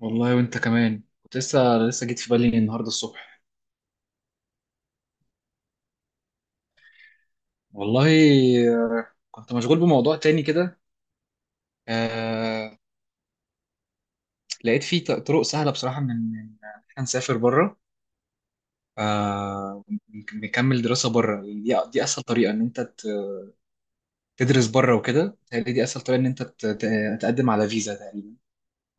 والله، وانت كمان كنت لسه جيت في بالي النهارده الصبح. والله. آه، كنت مشغول بموضوع تاني كده. آه. لقيت فيه طرق سهله بصراحه من ان احنا نسافر بره. آه، ونك- نكمل دراسه بره. دي اسهل طريقه ان انت تدرس بره، وكده بتهيألي دي اسهل طريقه ان انت تقدم على فيزا تقريبا،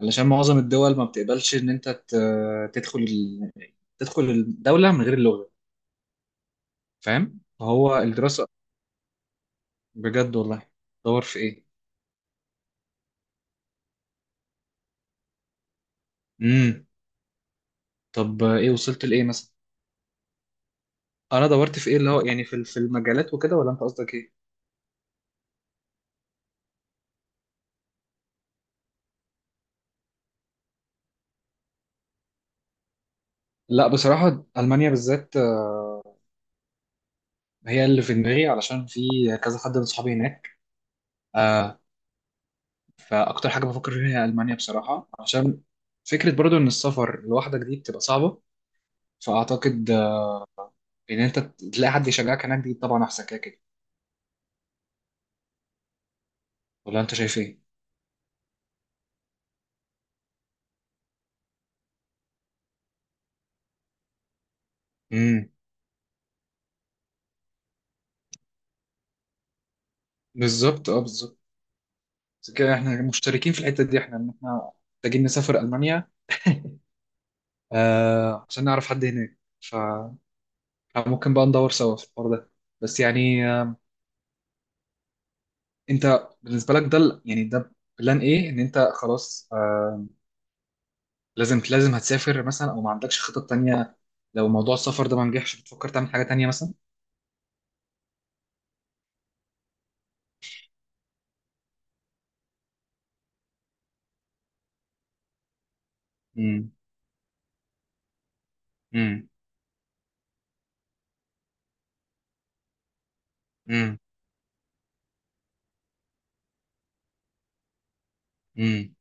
علشان معظم الدول ما بتقبلش ان انت تدخل الدوله من غير اللغه. فاهم، فهو الدراسه بجد والله. دور في ايه. طب. ايه وصلت لايه مثلا؟ انا دورت في ايه؟ اللي هو يعني في المجالات وكده، ولا انت قصدك ايه؟ لا، بصراحه المانيا بالذات هي اللي في دماغي، علشان في كذا حد من صحابي هناك. آه. فاكتر حاجه بفكر فيها هي المانيا بصراحه، عشان فكره برضو ان السفر لوحدك دي بتبقى صعبه. فاعتقد ان انت تلاقي حد يشجعك هناك دي طبعا احسن كده كده. ولا انت شايف ايه؟ امم. بالظبط، اه بالظبط. كده احنا مشتركين في الحته دي، احنا احنا محتاجين نسافر المانيا عشان نعرف حد هناك. فممكن بقى ندور سوا في الحوار ده. بس يعني. انت بالنسبة لك ده يعني ده بلان ايه؟ ان انت خلاص لازم لازم هتسافر مثلا، او ما عندكش خطط تانية؟ لو موضوع السفر ده ما نجحش، بتفكر تعمل حاجة تانية مثلا؟ امم. امم. امم. امم.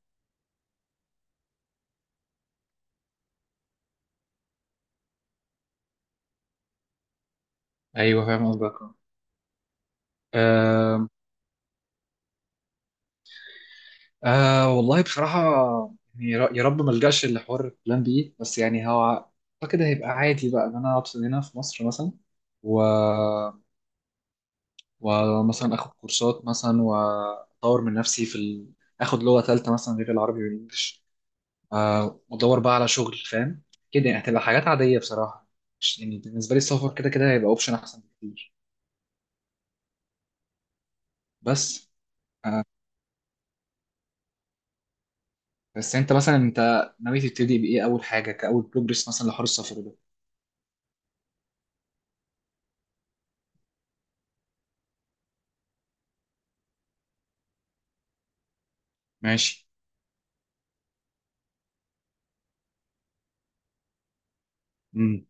ايوه فاهم قصدك. آه، آه والله بصراحة، يعني يا رب ما الجاش لحوار بلان بي. بس يعني هو اعتقد هيبقى عادي بقى ان انا اقعد هنا في مصر مثلا، و ومثلا اخد كورسات مثلا، واطور من نفسي اخد لغه ثالثه مثلا غير العربي والانجليش. وادور بقى على شغل فاهم. كده يعني هتبقى حاجات عاديه بصراحه، مش يعني بالنسبه لي السفر كده كده هيبقى اوبشن احسن بكتير. بس. آه، بس انت مثلا ناوي تبتدي بايه اول حاجه، كاول بروجرس مثلا لحوار السفر ده؟ ماشي. امم.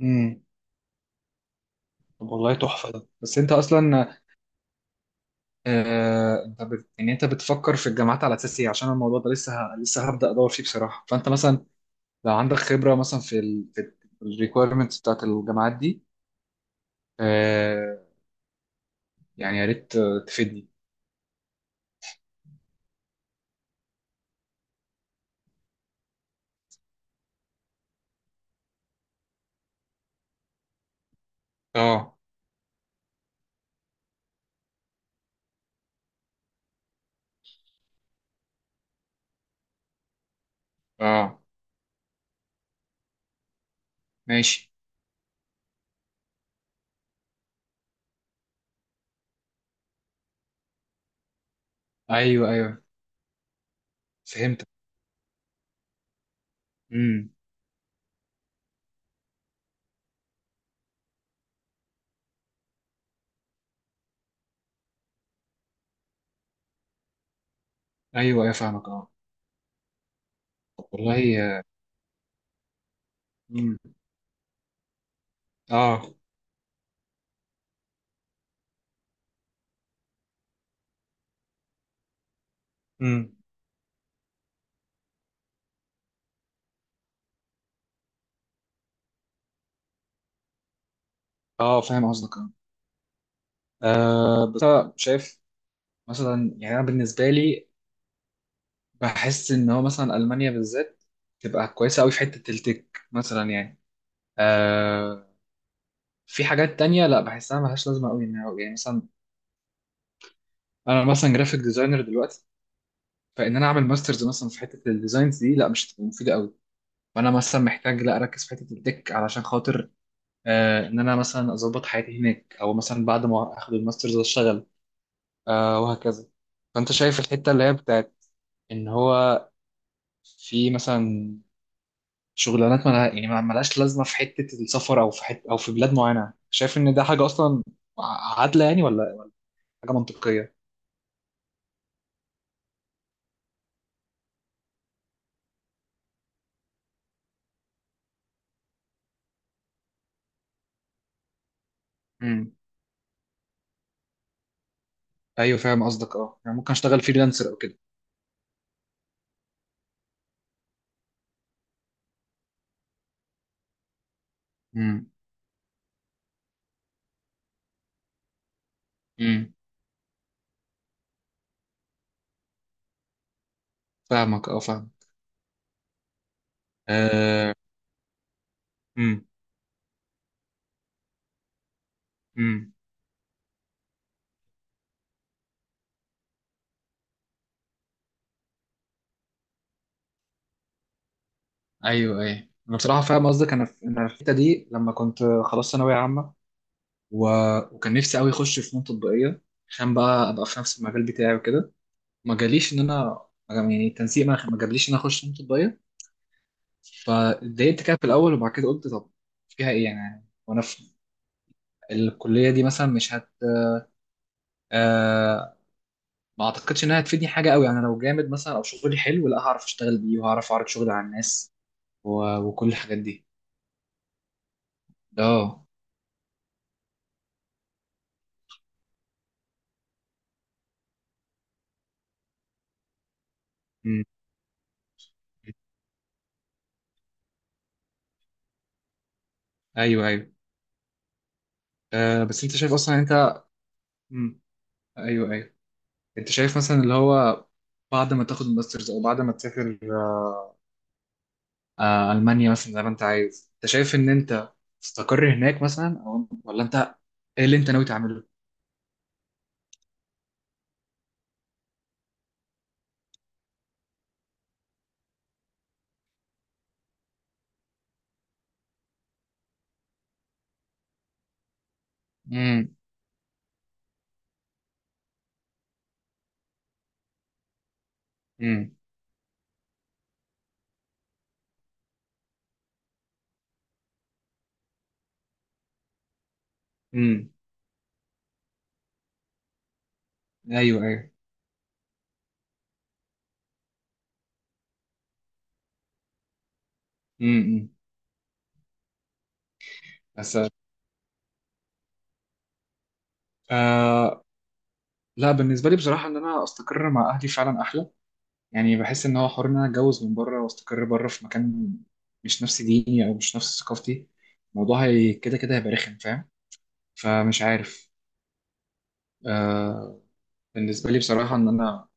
امم. طب والله تحفه ده. بس انت اصلا يعني انت بتفكر في الجامعات على اساس ايه؟ عشان الموضوع ده لسه هبدا ادور فيه بصراحه، فانت مثلا لو عندك خبرة مثلا في الريكويرمنتس بتاعت الجامعات دي، آه يعني يا ريت تفيدني. اه. اه ماشي. ايوه ايوه، فهمت. امم. ايوه ايوه فاهمك اه. طب والله. امم. اه. امم. اه فاهم قصدك اه. بس أنا شايف مثلا، يعني انا بالنسبة لي بحس ان هو مثلا المانيا بالذات تبقى كويسة قوي في حتة التك مثلا يعني. آه في حاجات تانية لا بحسها ملهاش لازمة قوي، يعني مثلا انا مثلا جرافيك ديزاينر دلوقتي، فان انا اعمل ماسترز مثلا في حته الديزاينز دي لا مش هتبقى مفيده قوي. فانا مثلا محتاج لا اركز في حته التك، علشان خاطر ان انا مثلا اظبط حياتي هناك، او مثلا بعد ما اخد الماسترز اشتغل، وهكذا. فانت شايف الحته اللي هي بتاعت ان هو في مثلا شغلانات مالها يعني مالهاش لازمه في حته السفر، او في حته، او في بلاد معينه، شايف ان ده حاجه اصلا عادله يعني، ولا حاجه منطقيه؟ امم. ايوه فاهم قصدك. اه يعني ممكن اشتغل فريلانسر او كده. امم. امم فاهمك اه فاهم. آه. امم. امم. ايوه ايوه، انا بصراحه فاهم قصدك. انا في الحته دي لما كنت خلاص ثانويه عامه، و... وكان نفسي قوي اخش فنون تطبيقيه عشان بقى ابقى في نفس المجال بتاعي وكده. ما جاليش ان انا يعني، التنسيق ما جابليش ان انا اخش فنون تطبيقيه. فاتضايقت كده في الاول، وبعد كده قلت طب فيها ايه يعني، وانا في الكليه دي مثلا مش هت آه ما اعتقدش انها هتفيدني حاجه قوي، يعني لو جامد مثلا او شغلي حلو لا هعرف اشتغل بيه وهعرف اعرض شغلي على الناس وكل الحاجات دي. اه. مم. ايوه ايوه. بس انت شايف اصلا، انت. مم. ايوه ايوه. انت شايف مثلا اللي هو بعد ما تاخد الماسترز او بعد ما تسافر. آه، المانيا مثلا زي ما انت عايز، انت شايف ان انت تستقر هناك مثلا، او ولا انت ايه اللي انت ناوي تعمله؟ امم. امم. امم. ايوه ايوه. امم. بس. آه لا، بالنسبه لي بصراحه ان انا استقر مع اهلي فعلا احلى. يعني بحس ان هو حوار ان انا اتجوز من بره واستقر بره في مكان مش نفس ديني او مش نفس ثقافتي، الموضوع هي كده كده هيبقى رخم فاهم. فمش عارف. آه بالنسبه لي بصراحه ان انا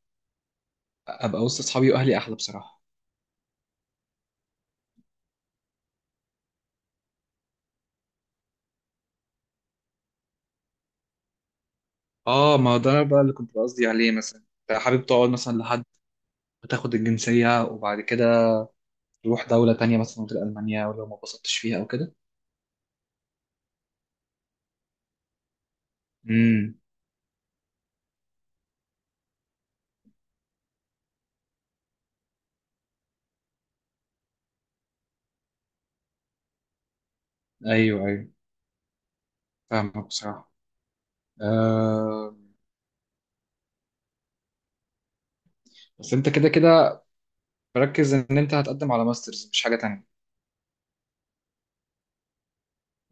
ابقى وسط اصحابي واهلي احلى بصراحه. اه، ما هو ده بقى اللي كنت قصدي عليه مثلا. انت حابب تقعد مثلا لحد ما تاخد الجنسيه، وبعد كده تروح دوله تانية مثلا غير المانيا، ولو ما اتبسطتش فيها او كده؟ امم. ايوه ايوه فاهمك بصراحه. آه بس انت كده كده مركز ان انت هتقدم على ماسترز مش حاجه تانية؟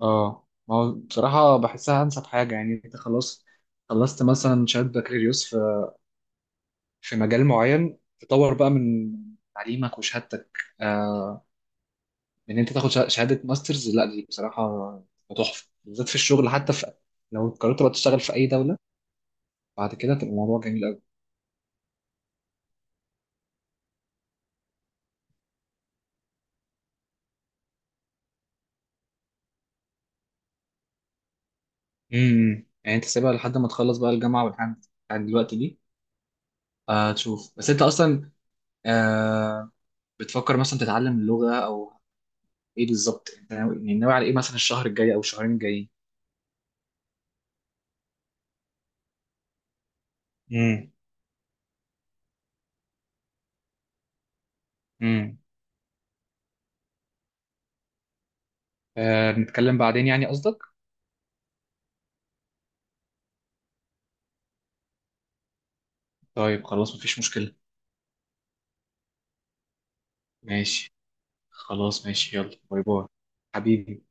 اه، ما هو بصراحة بحسها أنسب حاجة، يعني أنت خلاص، خلصت مثلا شهادة بكالوريوس في مجال معين، تطور بقى من تعليمك وشهادتك، إن أنت تاخد شهادة ماسترز لا دي بصراحة تحفة، بالذات في الشغل، حتى لو قررت بقى تشتغل في أي دولة بعد كده تبقى الموضوع جميل أوي. امم. يعني أنت سيبها لحد ما تخلص بقى الجامعة والحاجات بتاعت دلوقتي دي. تشوف، بس أنت أصلا آه بتفكر مثلا تتعلم اللغة أو ايه بالظبط؟ انت ناوي، يعني ناوي على ايه مثلا الشهر الجاي او الشهرين الجايين؟ امم. امم. آه، نتكلم بعدين يعني قصدك؟ طيب خلاص مفيش مشكلة. ماشي. خلاص ماشي، يلا، باي باي حبيبي.